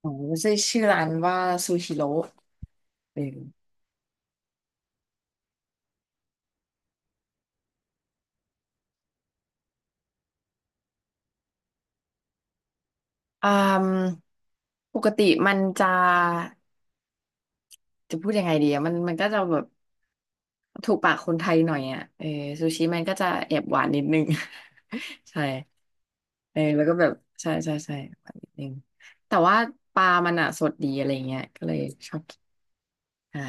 โอันใช่ชื่อร้านว่าซูชิโร่เอออืมปกติมันจะจะพูดยังไงดีอะมันก็จะแบบถูกปากคนไทยหน่อยอ่ะเออซูชิมันก็จะแอบหวานนิดนึง ใช่เออแล้วก็แบบใช่ใช่ใช่หวานนิดนึงแต่ว่าปลามันอ่ะสดดีอะไรเงี้ยก็เลยชอบกินใช่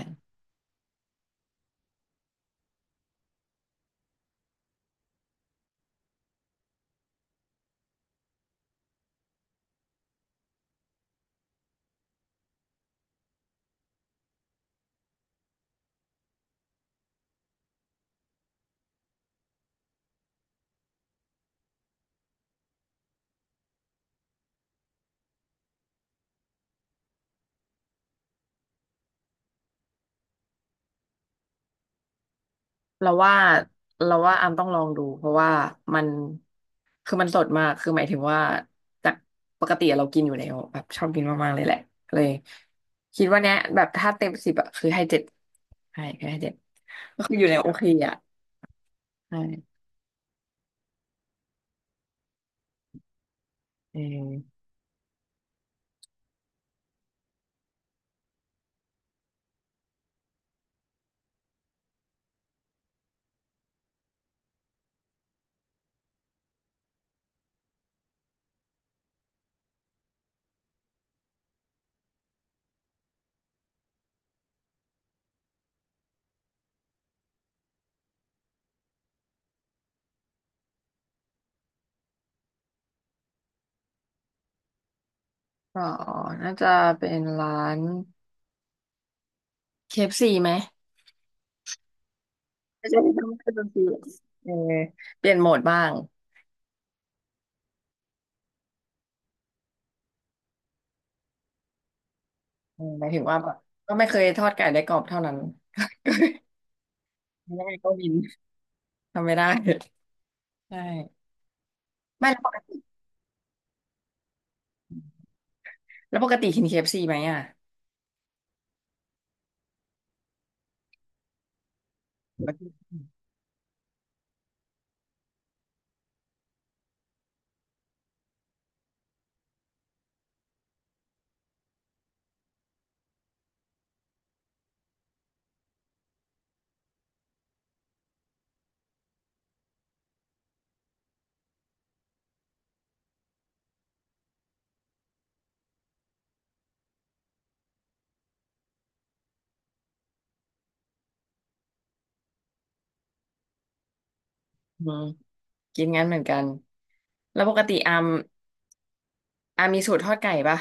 เราว่าเราว่าอามต้องลองดูเพราะว่ามันคือมันสดมากคือหมายถึงว่าจากปกติเรากินอยู่แล้วแบบชอบกินมากๆเลยแหละเลยคิดว่าเนี้ยแบบถ้าเต็มสิบอะคือให้เจ็ดใช่คือให้เจ็ดก็คืออยู่ในโอเคอะใช่เออก็น่าจะเป็นร้าน KFC ไหมไม่ใช่ไม่ใช่ไม่ใช่เคเอฟซีเออเปลี่ยนโหมดบ้างเออหมายถึงว่าแบบก็ไม่เคยทอดไก่ได้กรอบเท่านั้นไม่ได้ก็วินทำไม่ได้ใช่ ไม่แล้วปกติแล้วปกติกิน KFC ไหมอ่ะแล้วก็อืมกินงั้นเหมือนกันแล้วปกติอามอามมีสูตรทอดไก่ปะ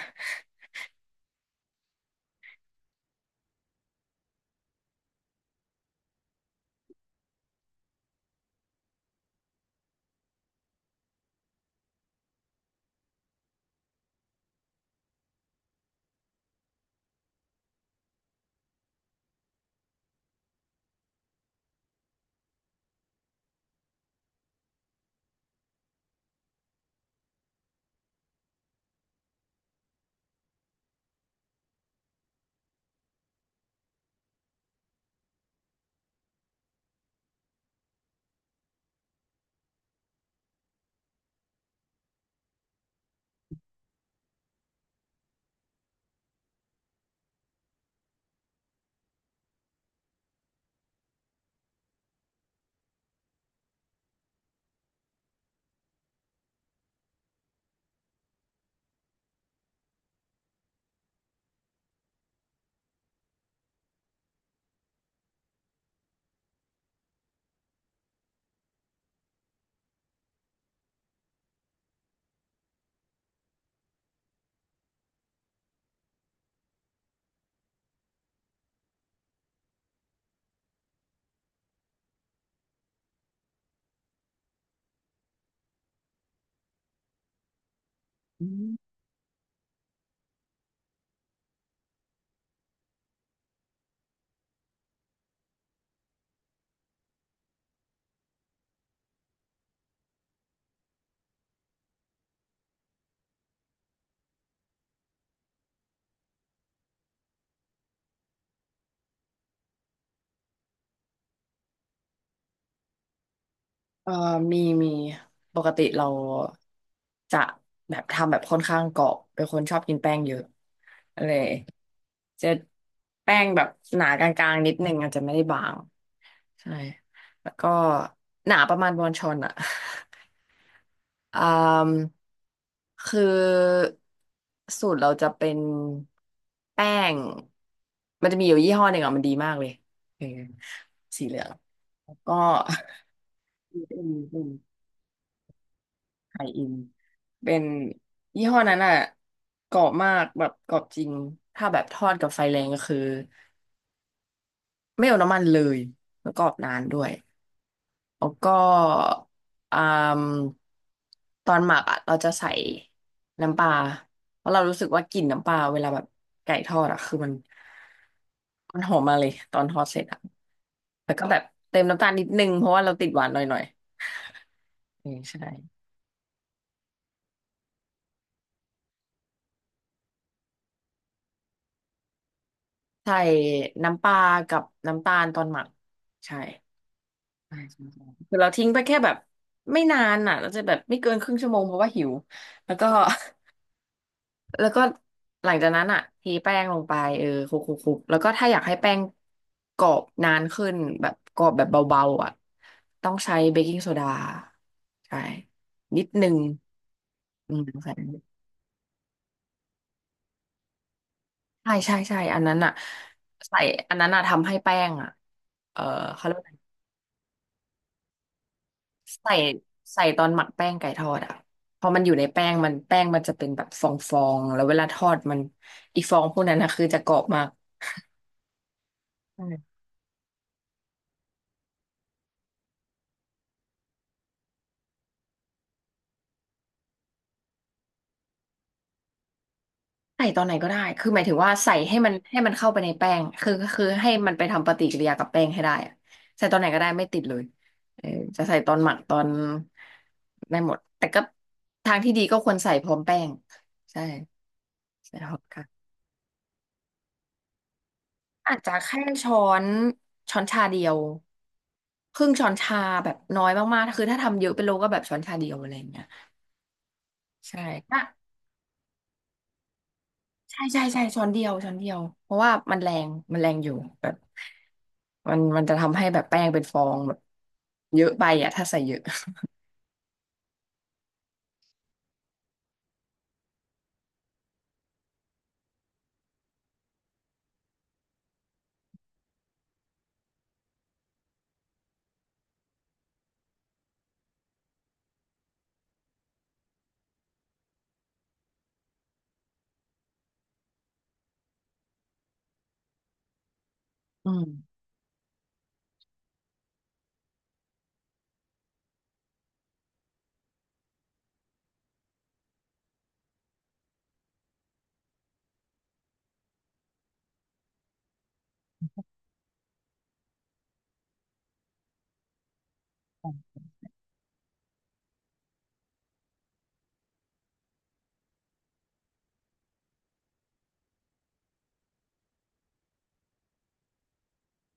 อืมเออมีมีปกติเราจะแบบทำแบบค่อนข้างกรอบเป็นคนชอบกินแป้งเยอะอะไรจะแป้งแบบหนากลางๆนิดนึงอาจจะไม่ได้บางใช่แล้วก็หนาประมาณบอนชอนอะ อ่ามคือสูตรเราจะเป็นแป้งมันจะมีอยู่ยี่ห้อหนึ่งอ่ะมันดีมากเลยเออสีเหลืองแล้วก็เป็นไข่อินเป็นยี่ห้อนั้นอ่ะกรอบมากแบบกรอบจริงถ้าแบบทอดกับไฟแรงก็คือไม่เอาน้ำมันเลยแล้วกรอบนานด้วย แล้วก็อ่ามตอนหมักอ่ะเราจะใส่น้ำปลาเพราะเรารู้สึกว่ากลิ่นน้ำปลาเวลาแบบไก่ทอดอ่ะคือมันหอมมาเลยตอนทอดเสร็จอ่ะแล้วก็แบบเติมน้ำตาลนิดนึงเพราะว่าเราติดหวานหน่อยอืมใช่ใส่น้ำปลากับน้ำตาลตอนหมักใช่ใช่ใช่ใช่คือเราทิ้งไปแค่แบบไม่นานอ่ะเราจะแบบไม่เกินครึ่งชั่วโมงเพราะว่าหิวแล้วก็ แล้วก็หลังจากนั้นอ่ะทีแป้งลงไปเออคลุกแล้วก็ถ้าอยากให้แป้งกรอบนานขึ้นแบบกรอบแบบเบาๆอ่ะต้องใช้เบกกิ้งโซดาใช่นิดนึงอืมใส่ใช่ใช่ใช่อันนั้นอ่ะใส่อันนั้นอ่ะทำให้แป้งอ่ะเออเขาเรียกว่าอะไรใส่ใส่ตอนหมักแป้งไก่ทอดอ่ะพอมันอยู่ในแป้งมันจะเป็นแบบฟองๆแล้วเวลาทอดมันอีฟองพวกนั้นนะคือจะกรอบมาก ใส่ตอนไหนก็ได้ คือหมายถึงว่าใส่ให้มันเข้าไปในแป้งคือให้มันไปทำปฏิกิริยากับแป้งให้ได้อะใส่ตอนไหนก็ได้ไม่ติดเลยเออจะใส่ตอนหมักตอนได้หมดแต่ก็ทางที่ดีก็ควรใส่พร้อมแป้งใช่ใส่พร้อมกันอาจจะแค่นช้อนชาเดียวครึ่งช้อนชาแบบน้อยมากๆคือถ้าทำเยอะเป็นโลก็แบบช้อนชาเดียวอะไรอย่างเงี้ยใช่ ใช่ใช่ใช่ช้อนเดียวช้อนเดียวเพราะว่ามันแรงอยู่แบบมันจะทำให้แบบแป้งเป็นฟองแบบเยอะไปอ่ะถ้าใส่เยอะอืม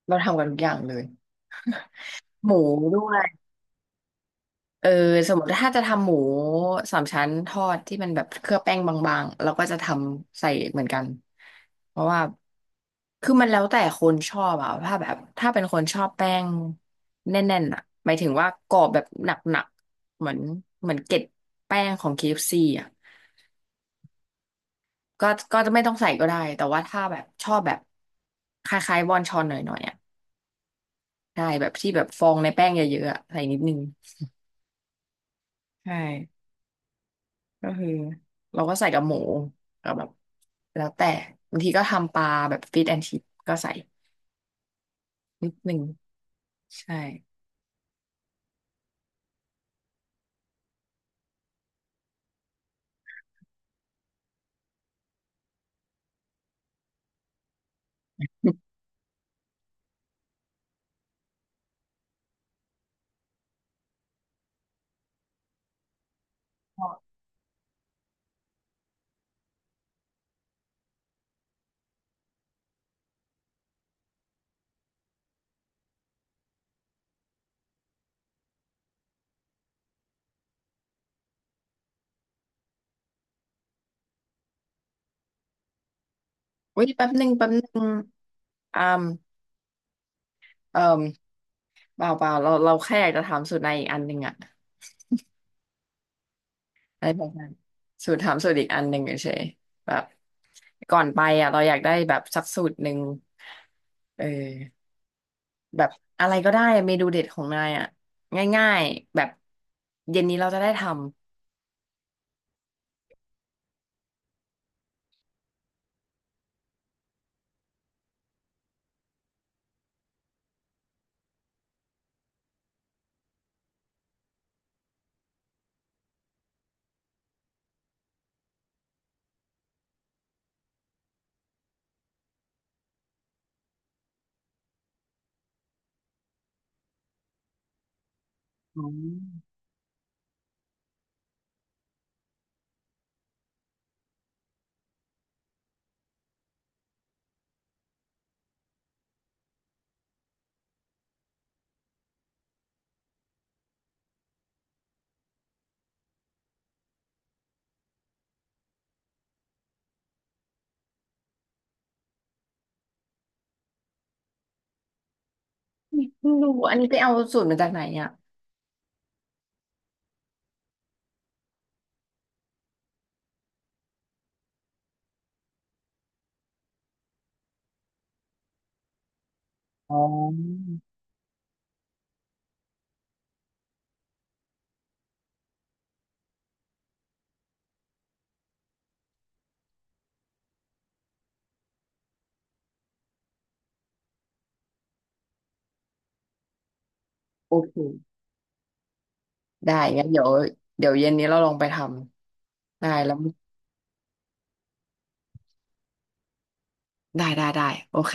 เราทำกันทุกอย่างเลย หมูด้วย เออสมมติถ้าจะทำหมูสามชั้นทอดที่มันแบบเคลือบแป้งบางๆเราก็จะทำใส่เหมือนกันเพราะว่าคือมันแล้วแต่คนชอบอะถ้าแบบถ้าเป็นคนชอบแป้งแน่นๆอะหมายถึงว่ากรอบแบบหนักๆเหมือนเกล็ดแป้งของ KFC อฟซีอะก็ก็จะไม่ต้องใส่ก็ได้แต่ว่าถ้าแบบชอบแบบคล้ายๆวอนชอนหน่อยๆอะใช่แบบที่แบบฟองในแป้งเยอะๆอะใส่นิดนึงใช่ ก็คือเราก็ใส่กับหมูก็แบบแล้วแต่บางทีก็ทำปลาแบบฟิชแอนชิปก็ใส่นิดนึงใช่อุ้ยแป๊บหนึงแป๊บหนึงอามเอ่มเปล่าเปล่าเราแค่อยากจะถามสูตรในอีกอันหนึ่งอะอะไรแบบนั้นสูตรถามสูตรอีกอันหนึ่งเฉยๆแบบก่อนไปอะเราอยากได้แบบสักสูตรหนึ่งเออแบบอะไรก็ได้เมนูเด็ดของนายอะง่ายๆแบบเย็นนี้เราจะได้ทำอ๋อ ไม่รู้อันนี้ไปเอาสูตรมาจากไหนอ่ะอ๋อโอเคได้งั้นเดี๋ยวเดี๋ยวเย็นนี้เราลองไปทำได้แล้วได้ได้ได้โอเค